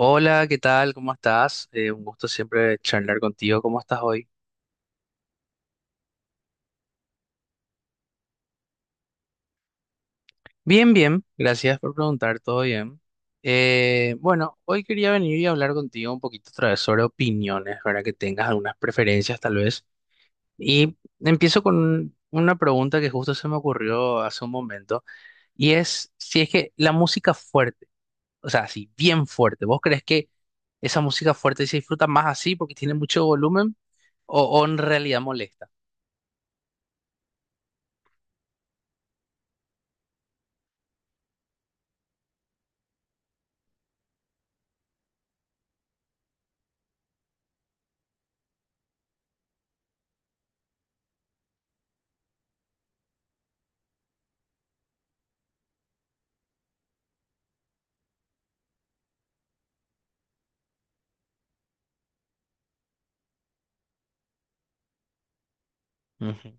Hola, ¿qué tal? ¿Cómo estás? Un gusto siempre charlar contigo. ¿Cómo estás hoy? Bien, bien. Gracias por preguntar. ¿Todo bien? Bueno, hoy quería venir y hablar contigo un poquito otra vez sobre opiniones, ¿verdad? Que tengas algunas preferencias tal vez. Y empiezo con una pregunta que justo se me ocurrió hace un momento, y es si es que la música fuerte, o sea, así, bien fuerte, ¿vos crees que esa música fuerte se disfruta más así porque tiene mucho volumen o en realidad molesta? Ujú,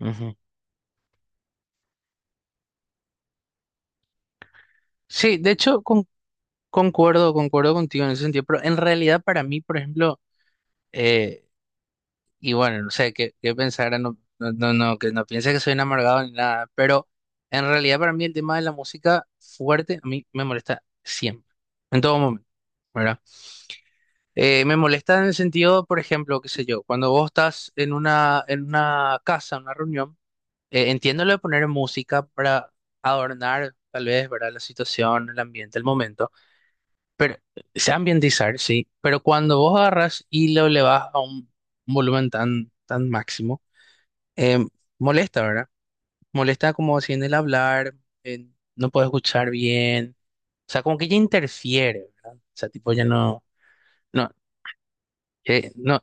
ujú. Sí, de hecho, concuerdo contigo en ese sentido, pero en realidad para mí, por ejemplo, eh, y bueno, no sé qué pensar, no, que no piense que soy un amargado ni nada, pero en realidad para mí el tema de la música fuerte a mí me molesta siempre, en todo momento, ¿verdad? Me molesta en el sentido, por ejemplo, qué sé yo, cuando vos estás en una casa, en una reunión, entiendo lo de poner música para adornar tal vez, ¿verdad? La situación, el ambiente, el momento. Pero se ambientizar, sí, pero cuando vos agarras y lo elevas a un volumen tan máximo, eh, molesta, ¿verdad? Molesta como si en el hablar, no puedes escuchar bien, o sea, como que ya interfiere, ¿verdad? O sea, tipo, ya no, no, no,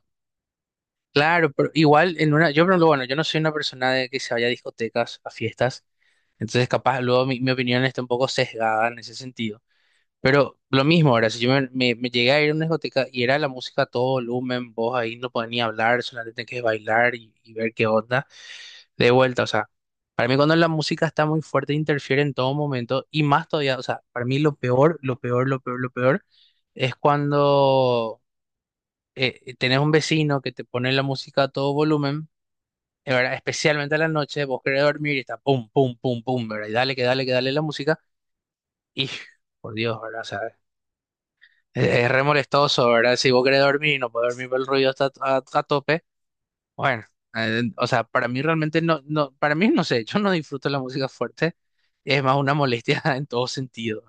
claro, pero igual en una, yo, por pero bueno, yo no soy una persona de que se vaya a discotecas, a fiestas, entonces capaz luego mi opinión está un poco sesgada en ese sentido. Pero lo mismo, ahora, si yo me, me llegué a ir a una discoteca y era la música a todo volumen, vos ahí no podías ni hablar, solamente tenías que bailar y ver qué onda, de vuelta, o sea, para mí cuando la música está muy fuerte interfiere en todo momento y más todavía, o sea, para mí lo peor es cuando tenés un vecino que te pone la música a todo volumen, ¿verdad? Especialmente a la noche, vos querés dormir y está pum, pum, pum, pum, ¿verdad? Y dale, que dale, que dale la música y, por Dios, ¿verdad? Es re molestoso, ¿verdad? Si vos querés dormir y no podés dormir, por el ruido está a tope. Bueno, o sea, para mí realmente no, para mí no sé, yo no disfruto la música fuerte, es más una molestia en todo sentido.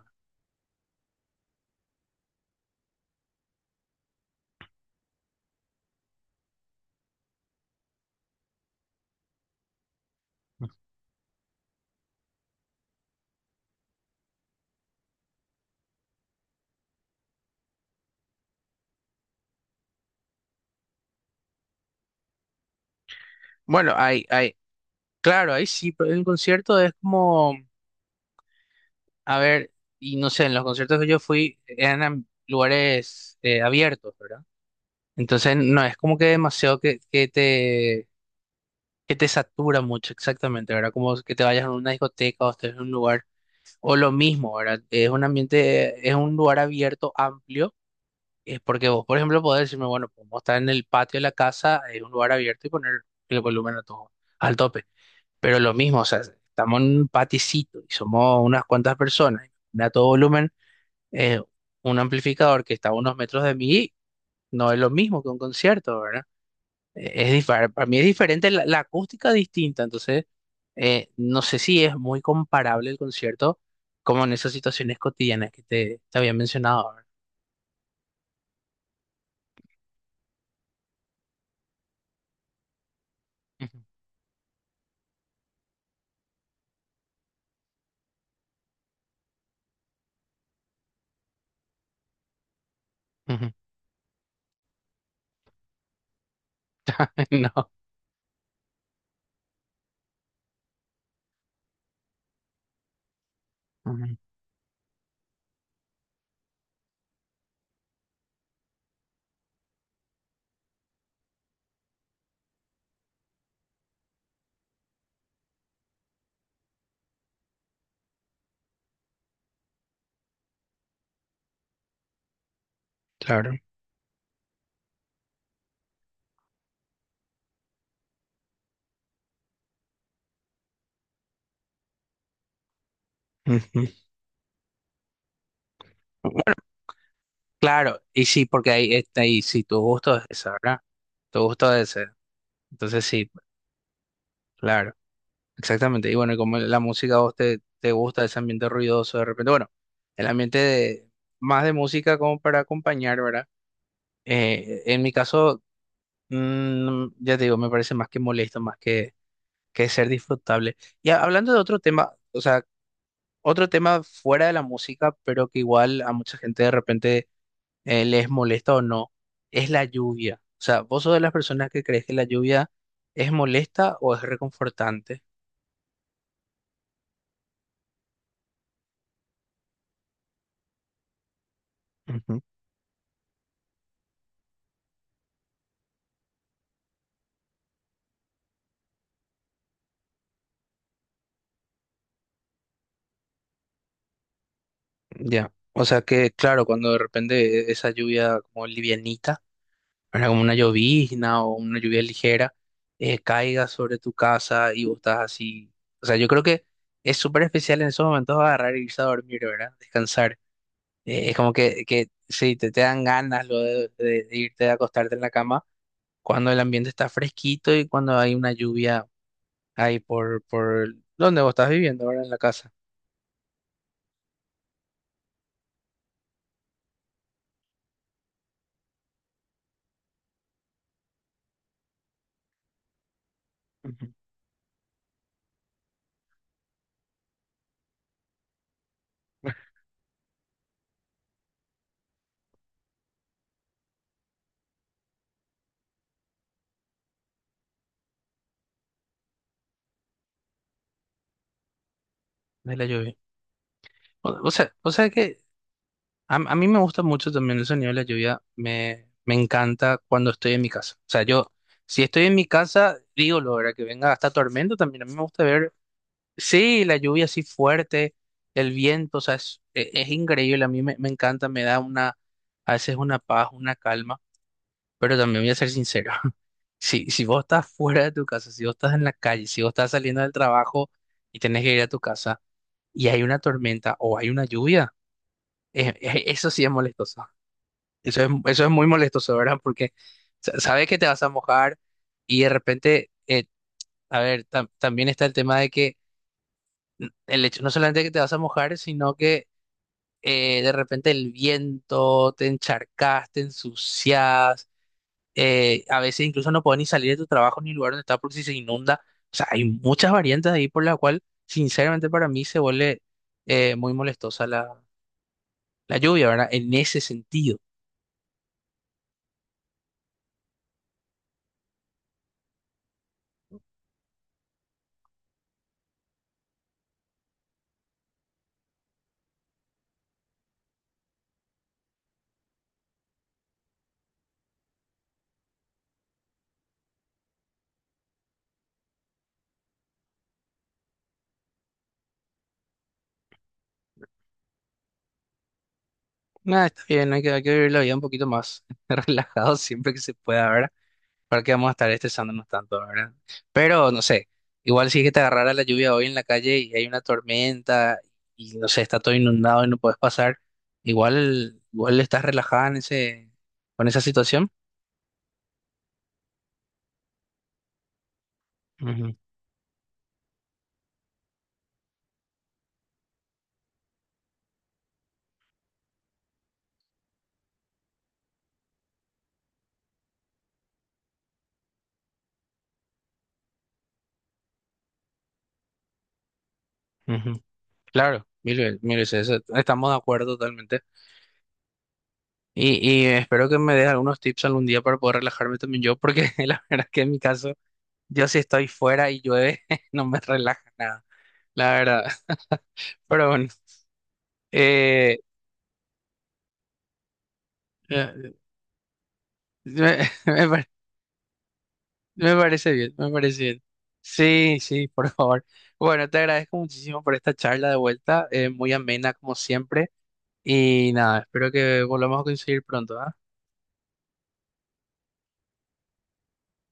Bueno, hay, claro, ahí sí, pero en un concierto es como, a ver, y no sé, en los conciertos que yo fui eran lugares abiertos, ¿verdad? Entonces no es como que demasiado que te satura mucho exactamente, ¿verdad? Como que te vayas a una discoteca o estés en un lugar. O lo mismo, ¿verdad? Es un ambiente, es un lugar abierto, amplio, es porque vos, por ejemplo, podés decirme, bueno, podemos estar en el patio de la casa, es un lugar abierto y poner el volumen a todo, al tope. Pero lo mismo, o sea, estamos en un paticito y somos unas cuantas personas, y a todo volumen, eh, un amplificador que está a unos metros de mí, no es lo mismo que un concierto, ¿verdad? Es diferente, para mí es diferente, la acústica es distinta, entonces no sé si es muy comparable el concierto como en esas situaciones cotidianas que te había mencionado ahora. Ujú, ujú. No, ujú, claro. Ujú. Bueno, claro, y sí, porque ahí está ahí, sí, tu gusto es ese, ¿verdad? Tu gusto es ese. Entonces sí, claro, exactamente. Y bueno, y como la música a vos te, te gusta ese ambiente ruidoso de repente, bueno, el ambiente de, más de música como para acompañar, ¿verdad? En mi caso... Mm, ya te digo, me parece más que molesto, más que ser disfrutable. Y hablando de otro tema, o sea, otro tema fuera de la música, pero que igual a mucha gente de repente les molesta o no, es la lluvia. O sea, ¿vos sos de las personas que crees que la lluvia es molesta o es reconfortante? Ujú. Ya. O sea que, claro, cuando de repente esa lluvia como livianita. ¿Verdad? Como una llovizna o una lluvia ligera, caiga sobre tu casa y vos estás así. O sea, yo creo que es súper especial en esos momentos agarrar y irse a dormir, ¿verdad? Descansar. Es como que sí, te dan ganas lo de, de irte a acostarte en la cama cuando el ambiente está fresquito y cuando hay una lluvia ahí por donde vos estás viviendo, ¿verdad? En la casa. Ujú. De la lluvia. O sea que a mí me gusta mucho también el sonido de la lluvia, me encanta cuando estoy en mi casa. O sea, yo, si estoy en mi casa, digo lo que venga hasta tormento también. A mí me gusta ver, sí, la lluvia así fuerte, el viento, o sea, es, es increíble. A mí me, me encanta, me da una, a veces una paz, una calma, pero también voy a ser sincero. Si, si vos estás fuera de tu casa, si vos estás en la calle, si vos estás saliendo del trabajo y tenés que ir a tu casa y hay una tormenta o hay una lluvia, eso sí es molestoso. Eso es muy molestoso, ¿verdad? Porque sabes que te vas a mojar y de repente, a ver, también está el tema de que el hecho no solamente que te vas a mojar, sino que de repente el viento, te encharcas, te ensucias, a veces incluso no puedes ni salir de tu trabajo ni lugar donde estás porque si se inunda. O sea, hay muchas variantes ahí por la cual, sinceramente, para mí se vuelve muy molestosa la, la lluvia, ¿verdad? En ese sentido. Nada, está bien, hay que vivir la vida un poquito más relajado siempre que se pueda, ¿verdad? ¿Para qué vamos a estar estresándonos tanto, ¿verdad? Pero, no sé, igual si es que te agarrara la lluvia hoy en la calle y hay una tormenta y, no sé, está todo inundado y no puedes pasar, igual, igual estás relajada en ese, con esa situación. Ujú, ujú. Claro, mil veces, eso- estamos de acuerdo totalmente. Y espero que me des algunos tips algún día para poder relajarme también yo, porque la verdad que en mi caso... Yo si estoy fuera y llueve, no me relaja nada, la verdad. Pero bueno, eh, eh, me, me pare- me parece bien, me parece bien. Sí, sí, por favor. Bueno, te agradezco muchísimo por esta charla de vuelta, muy amena como siempre. Y nada, espero que volvamos a coincidir pronto, ¿ah?